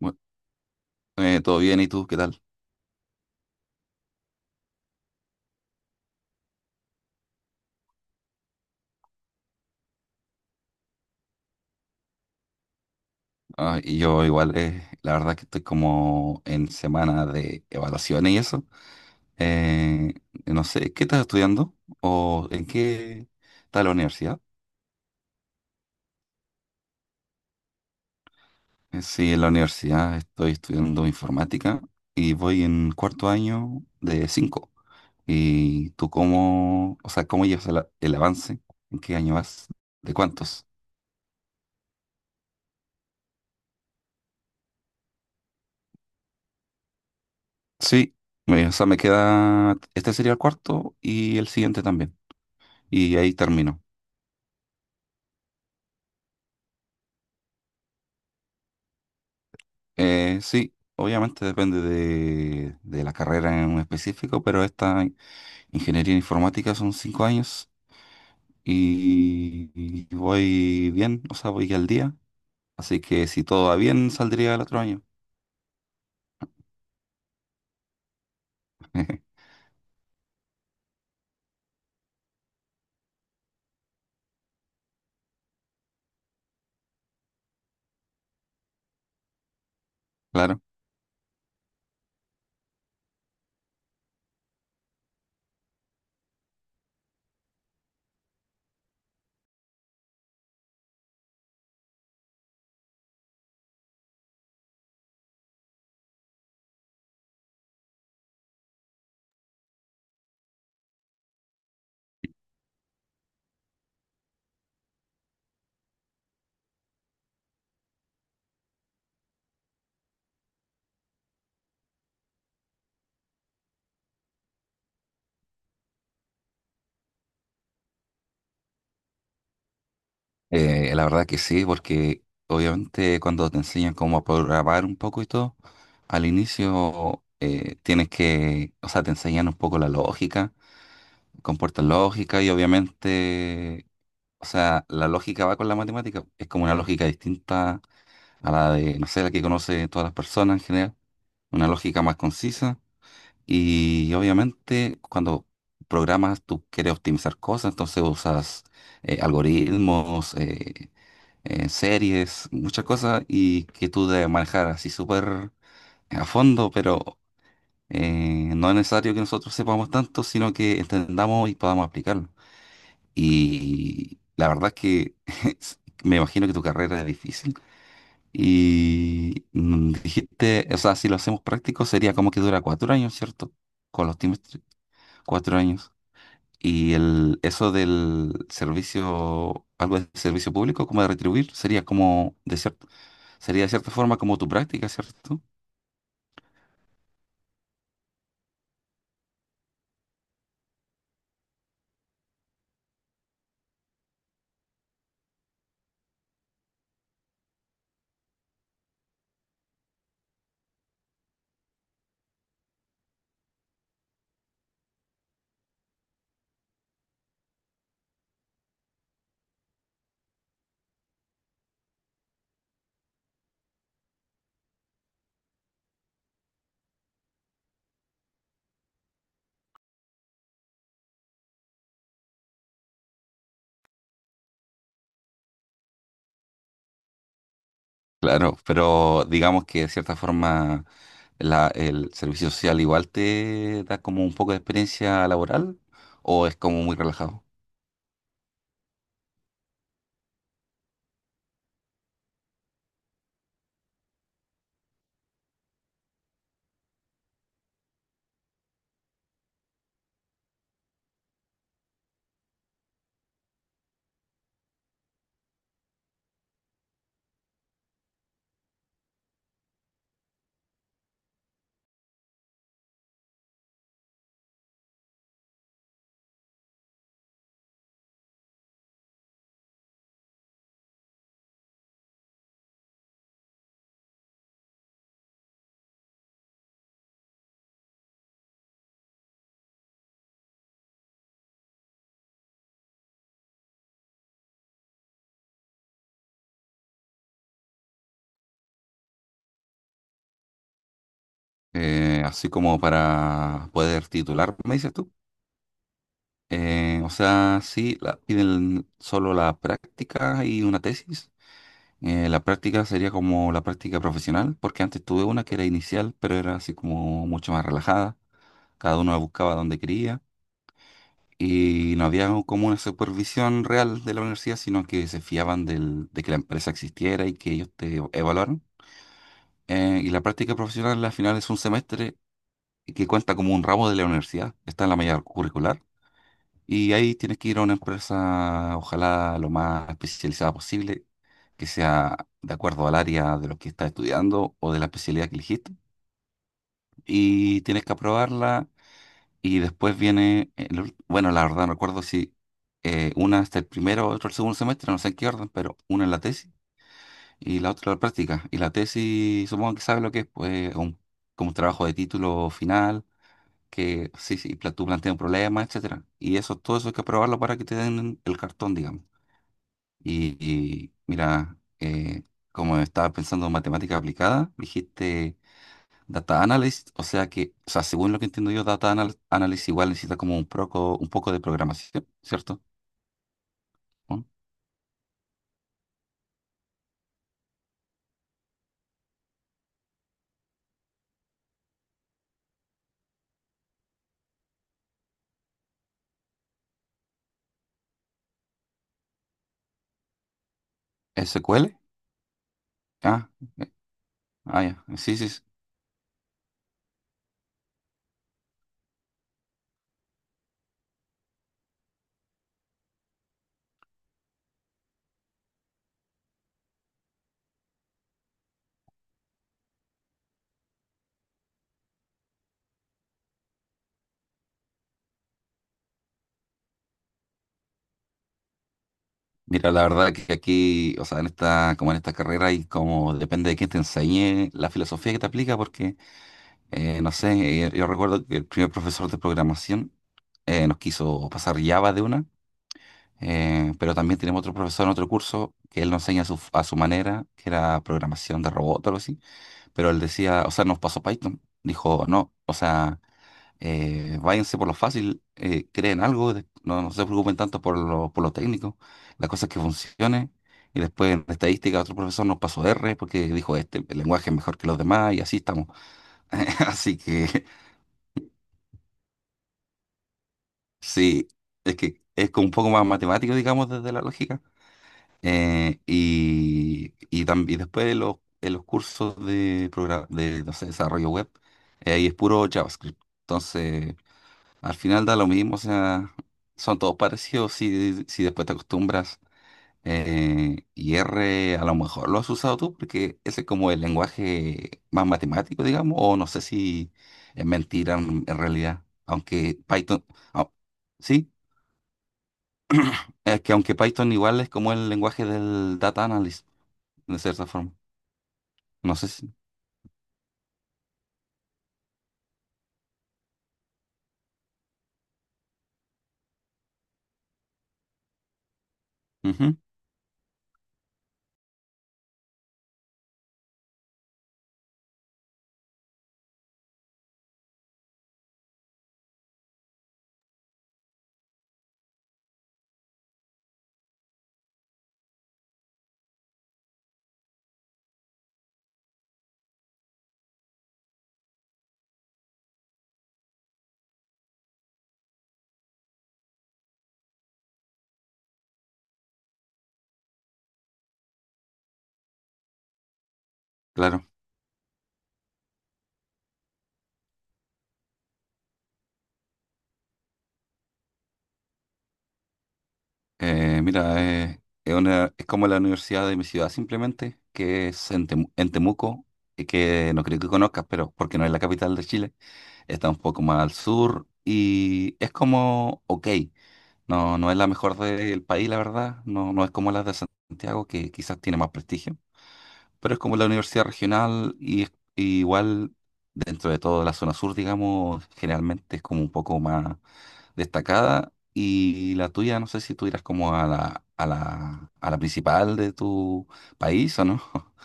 Bu- Todo bien, ¿y tú qué tal? Ah, y yo igual, la verdad que estoy como en semana de evaluaciones y eso. Eh, no sé, ¿qué estás estudiando? ¿O en qué está la universidad? Sí, en la universidad estoy estudiando informática y voy en cuarto año de cinco. ¿Y tú cómo, o sea, cómo llevas el avance? ¿En qué año vas? ¿De cuántos? Sí, o sea, me queda, este sería el cuarto y el siguiente también. Y ahí termino. Sí, obviamente depende de la carrera en específico, pero esta ingeniería en informática son cinco años y voy bien, o sea, voy al día. Así que si todo va bien, saldría el otro año. Claro. La verdad que sí, porque obviamente cuando te enseñan cómo programar un poco y todo, al inicio tienes que, o sea, te enseñan un poco la lógica, comporta lógica y obviamente, o sea, la lógica va con la matemática, es como una lógica distinta a la de, no sé, la que conoce todas las personas en general, una lógica más concisa y obviamente cuando programas tú quieres optimizar cosas, entonces usas algoritmos, series, muchas cosas y que tú debes manejar así súper a fondo, pero no es necesario que nosotros sepamos tanto, sino que entendamos y podamos aplicarlo. Y la verdad es que me imagino que tu carrera es difícil. Y dijiste, o sea, si lo hacemos práctico sería como que dura cuatro años, ¿cierto? Con los trimestres, cuatro años. Y el, eso del servicio, algo de servicio público, como de retribuir, sería como, sería de cierta forma como tu práctica, ¿cierto? Claro, pero digamos que de cierta forma el servicio social igual te da como un poco de experiencia laboral o es como muy relajado. Así como para poder titular, me dices tú. O sea, sí, piden solo la práctica y una tesis. La práctica sería como la práctica profesional, porque antes tuve una que era inicial, pero era así como mucho más relajada. Cada uno la buscaba donde quería, y no había como una supervisión real de la universidad, sino que se fiaban de que la empresa existiera y que ellos te evaluaran. Y la práctica profesional al final es un semestre que cuenta como un ramo de la universidad, está en la malla curricular. Y ahí tienes que ir a una empresa, ojalá lo más especializada posible, que sea de acuerdo al área de lo que estás estudiando o de la especialidad que elegiste. Y tienes que aprobarla. Y después viene, bueno, la verdad no recuerdo si una hasta el primero o otro el segundo semestre, no sé en qué orden, pero una en la tesis y la otra en la práctica. Y la tesis, supongo que sabe lo que es, pues un, como un trabajo de título final, que sí, sí, tú planteas un problema, etcétera. Y eso, todo eso hay que aprobarlo para que te den el cartón, digamos. Y mira, como estaba pensando en matemática aplicada, dijiste Data Analyst, o sea, según lo que entiendo yo, Analyst igual necesita como un poco de programación, ¿cierto? ¿Mm? ¿SQL? Ah, eh, ya. Sí, sí, sí. Mira, la verdad que aquí, o sea, en esta, como en esta carrera y como depende de quién te enseñe la filosofía que te aplica, porque, no sé, yo recuerdo que el primer profesor de programación nos quiso pasar Java de una, pero también tenemos otro profesor en otro curso que él nos enseña a su manera, que era programación de robot o algo así. Pero él decía, o sea, nos pasó Python. Dijo, no, o sea, váyanse por lo fácil, creen algo, no, no se preocupen tanto por lo técnico, la cosa es que funcione. Y después en estadística otro profesor nos pasó R porque dijo, este, el lenguaje es mejor que los demás y así estamos. Así que sí, es que es como un poco más matemático, digamos, desde la lógica. Y después en los cursos de, de no sé, desarrollo web, ahí es puro JavaScript. Entonces, al final da lo mismo, o sea, son todos parecidos si, si después te acostumbras. Y R a lo mejor lo has usado tú porque ese es como el lenguaje más matemático, digamos, o no sé si es mentira en realidad, aunque Python, ah, sí, es que aunque Python igual es como el lenguaje del data analyst, de cierta forma. No sé si. Ujú, claro. Mira, es, es como la universidad de mi ciudad, simplemente, que es en, en Temuco, y que no creo que conozcas, pero porque no es la capital de Chile, está un poco más al sur y es como, ok, no, no es la mejor del país, la verdad, no, no es como la de Santiago, que quizás tiene más prestigio, pero es como la universidad regional y, y igual dentro de toda la zona sur, digamos, generalmente es como un poco más destacada. Y la tuya, no sé si tú irás como a la, a la, a la principal de tu país o no.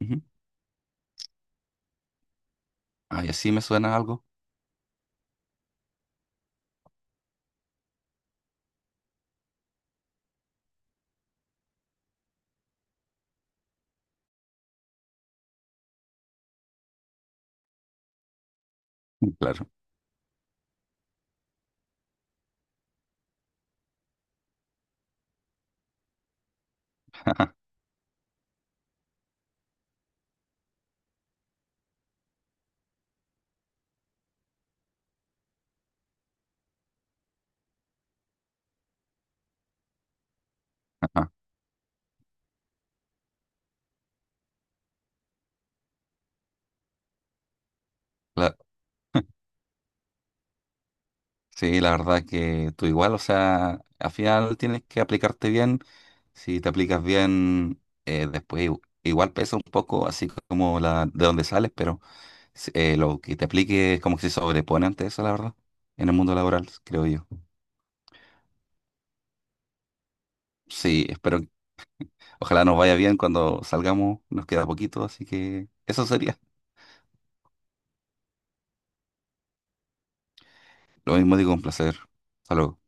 Ujú. Ay, así me suena algo. Mm, claro. Ajá. La- sí, la verdad que tú igual, o sea, al final tienes que aplicarte bien. Si te aplicas bien, después igual pesa un poco, así como la de donde sales, pero lo que te aplique es como que se sobrepone ante eso, la verdad, en el mundo laboral, creo yo. Sí, espero. Ojalá nos vaya bien cuando salgamos, nos queda poquito, así que eso sería. Lo mismo digo, un placer. Hasta luego.